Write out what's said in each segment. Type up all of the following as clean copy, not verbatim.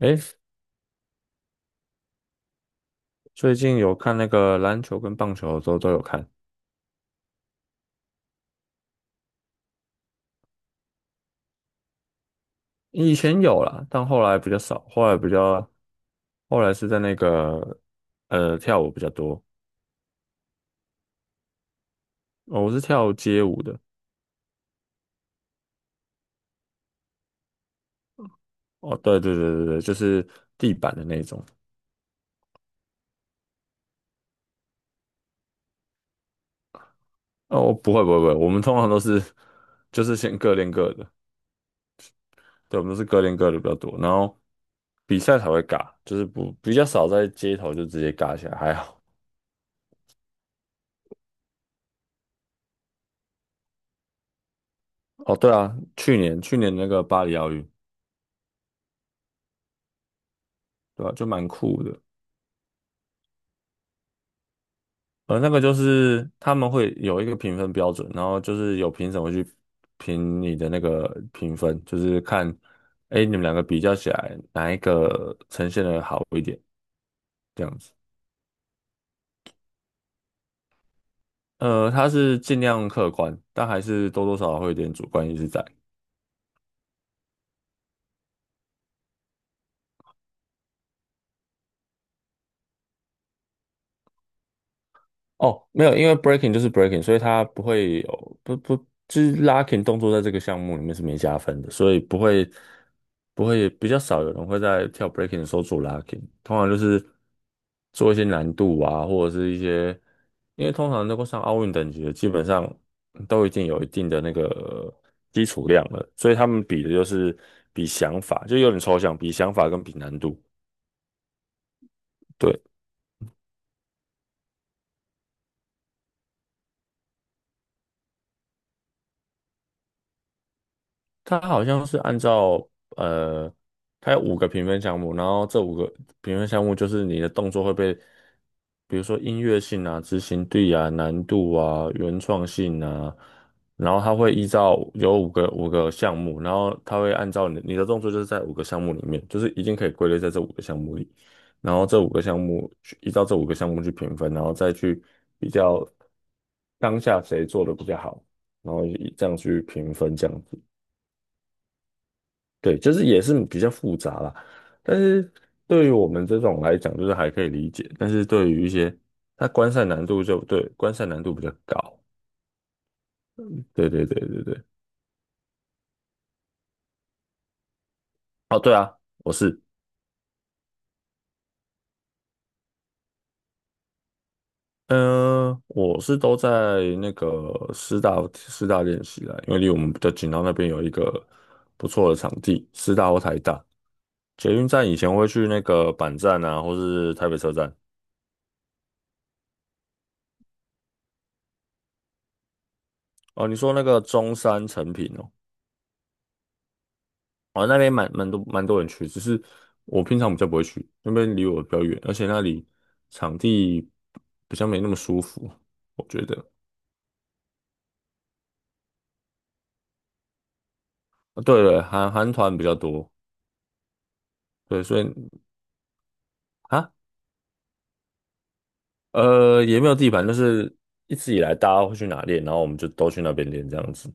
诶，最近有看那个篮球跟棒球的时候都有看，以前有啦，但后来比较少，后来比较，后来是在那个跳舞比较多，哦，我是跳街舞的，哦，对对对对对，就是地板的那种，哦，不会不会不会，我们通常都是就是先各练各的，对，我们都是各练各的比较多，然后比赛才会尬，就是不比较少在街头就直接尬起来，还好，哦，对啊，去年那个巴黎奥运，对吧，就蛮酷的。那个就是他们会有一个评分标准，然后就是有评审会去评你的那个评分，就是看，哎，你们两个比较起来，哪一个呈现的好一点，这样子。他是尽量客观，但还是多多少少会有点主观意识在。哦，没有，因为 breaking 就是 breaking，所以它不会有不不就是 locking 动作在这个项目里面是没加分的，所以不会比较少有人会在跳 breaking 的时候做 locking，通常就是做一些难度啊，或者是一些因为通常能够上奥运等级的，基本上都已经有一定的那个基础量了，所以他们比的就是比想法，就有点抽象，比想法跟比难度。对。它好像是按照呃，它有五个评分项目，然后这五个评分项目就是你的动作会被，比如说音乐性啊、执行力啊、难度啊、原创性啊，然后它会依照有五个项目，然后它会按照你的动作就是在五个项目里面，就是已经可以归类在这五个项目里，然后这五个项目去依照这五个项目去评分，然后再去比较当下谁做的比较好，然后以这样去评分这样子。对，就是也是比较复杂啦，但是对于我们这种来讲，就是还可以理解，但是对于一些它观赛难度就对，观赛难度比较高。对对对对对，哦对啊，我是，嗯、我是都在那个师大练习啦，因为离我们比较近，然后那边有一个不错的场地，师大或台大。捷运站以前会去那个板站啊，或是台北车站。哦，你说那个中山成品哦。哦，那边蛮多人去，只是我平常比较不会去，那边离我比较远，而且那里场地比较没那么舒服，我觉得。哦对对了韩团比较多，对，所以啊，也没有地盘，就是一直以来大家会去哪练，然后我们就都去那边练这样子，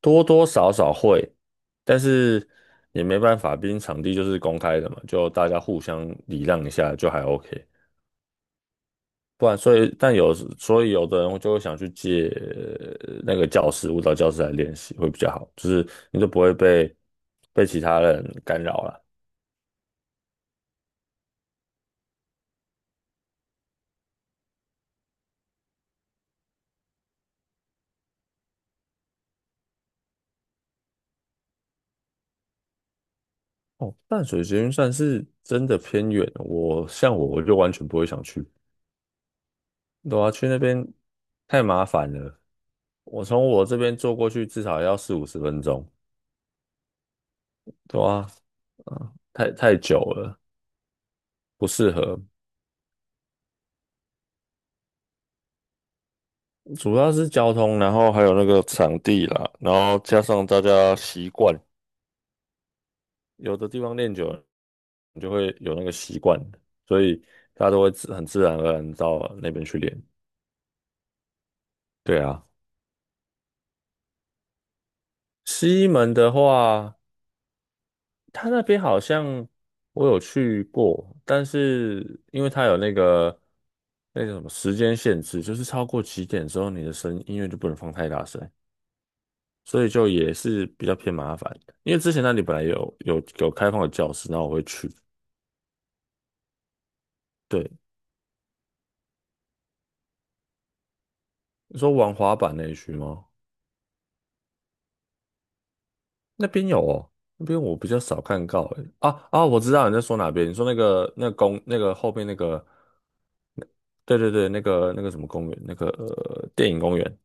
多多少少会，但是也没办法，毕竟场地就是公开的嘛，就大家互相礼让一下就还 OK。不然，所以但有所以有的人就会想去借那个教室，舞蹈教室来练习会比较好，就是你就不会被其他人干扰了。哦，淡水捷运站是真的偏远哦，我像我就完全不会想去，对啊，去那边太麻烦了。我从我这边坐过去至少要四五十分钟，对啊，太久了，不适合。主要是交通，然后还有那个场地啦，然后加上大家习惯。有的地方练久了，你就会有那个习惯，所以大家都会很自然而然到那边去练。对啊，西门的话，它那边好像我有去过，但是因为它有那个什么时间限制，就是超过几点之后，你的声音乐就不能放太大声，所以就也是比较偏麻烦的。因为之前那里本来有开放的教室，然后我会去。对，你说玩滑板那一区吗？那边有哦，那边我比较少看到诶。啊啊，我知道你在说哪边，你说那个那个那个后边那个，那对对对，那个什么公园，那个电影公园。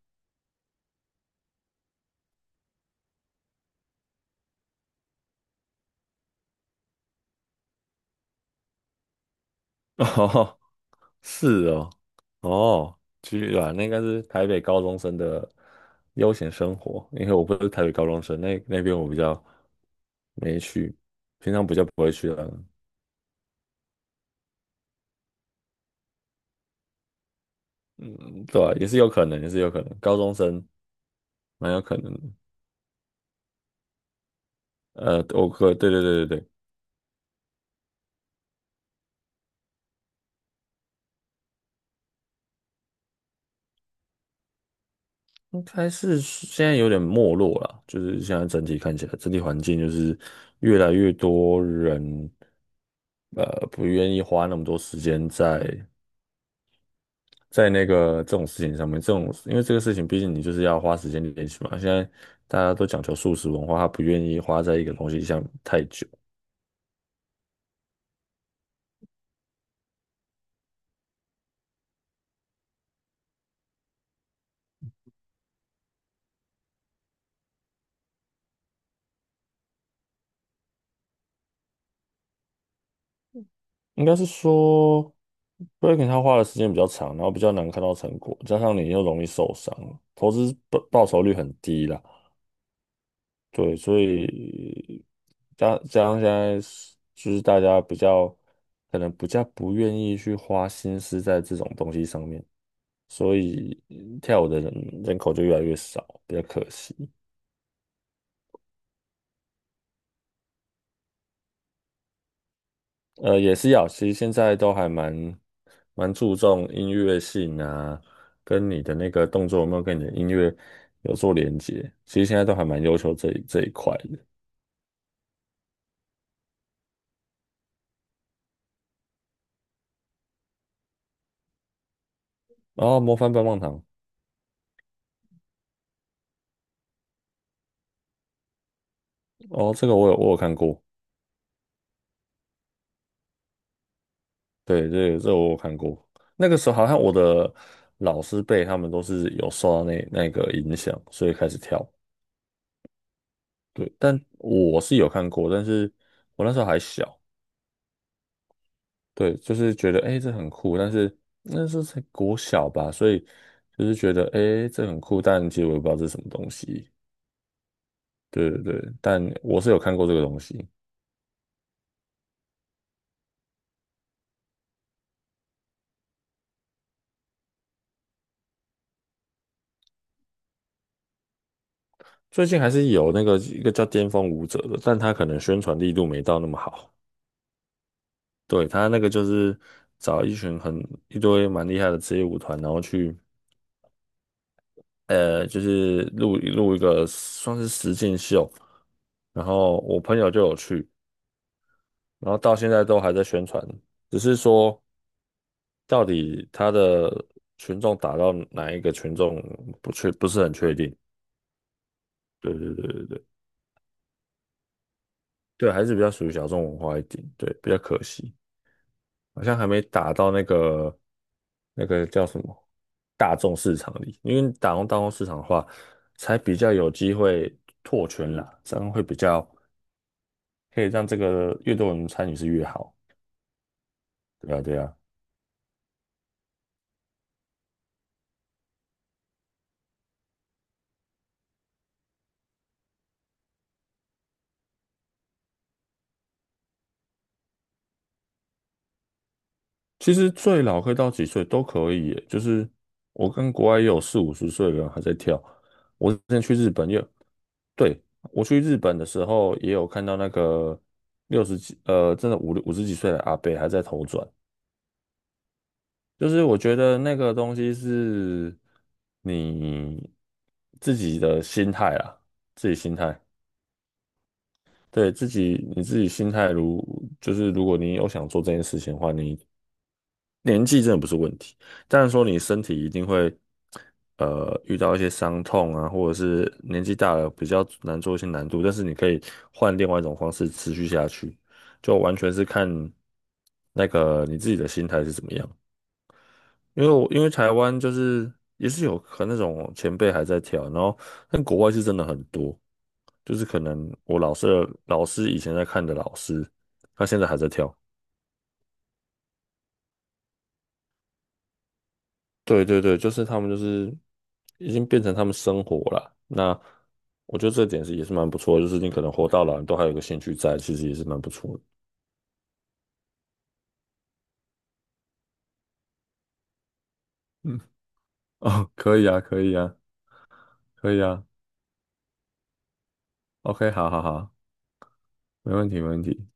哦，是哦，哦，居然那应该是台北高中生的悠闲生活，因为我不是台北高中生，那边我比较没去，平常比较不会去了。嗯，对啊也是有可能，也是有可能，高中生蛮有可能的。对对对对对。应该是现在有点没落了，就是现在整体看起来，整体环境就是越来越多人，呃，不愿意花那么多时间在那个这种事情上面，这种因为这个事情，毕竟你就是要花时间练习嘛。现在大家都讲求速食文化，他不愿意花在一个东西上太久，应该是说 breaking 他花的时间比较长，然后比较难看到成果，加上你又容易受伤，投资报酬率很低啦。对，所以加上现在是就是大家比较可能比较不愿意去花心思在这种东西上面，所以跳舞的人口就越来越少，比较可惜。也是要，其实现在都还蛮注重音乐性啊，跟你的那个动作有没有跟你的音乐有做连接，其实现在都还蛮要求这一块的。然后《模范棒棒糖》，哦，这个我有看过。对，这我有看过。那个时候好像我的老师辈他们都是有受到那个影响，所以开始跳。对，但我是有看过，但是我那时候还小，对，就是觉得哎、诶这很酷，但是那时候才国小吧，所以就是觉得哎、诶这很酷，但其实我也不知道这是什么东西。对对对，但我是有看过这个东西。最近还是有那个一个叫《巅峰舞者》的，但他可能宣传力度没到那么好。对，他那个就是找一群一堆蛮厉害的职业舞团，然后去就是录一个算是实境秀，然后我朋友就有去，然后到现在都还在宣传，只是说到底他的群众打到哪一个群众不是很确定。对对对对对对，还是比较属于小众文化一点，对，比较可惜。好像还没打到那个叫什么大众市场里，因为打到大众市场的话，才比较有机会拓圈啦，这样会比较可以让这个越多人参与是越好。对啊，对啊，其实最老可以到几岁都可以耶就是我跟国外也有四五十岁的人还在跳。我之前去日本也，对，我去日本的时候也有看到那个六十几，真的五十几岁的阿伯还在头转。就是我觉得那个东西是你自己的心态啊，自己心态，对，自己你自己心态，就是如果你有想做这件事情的话，你年纪真的不是问题。但是说你身体一定会遇到一些伤痛啊，或者是年纪大了比较难做一些难度，但是你可以换另外一种方式持续下去，就完全是看那个你自己的心态是怎么样。因为台湾就是也是有可能那种前辈还在跳，然后但国外是真的很多，就是可能我老师的老师以前在看的老师，他现在还在跳。对对对，就是他们就是已经变成他们生活了。那我觉得这点是也是蛮不错的就是你可能活到老，你都还有个兴趣在，其实也是蛮不错的。嗯，哦，可以啊，可以啊，可以啊。OK，好好好，没问题，没问题。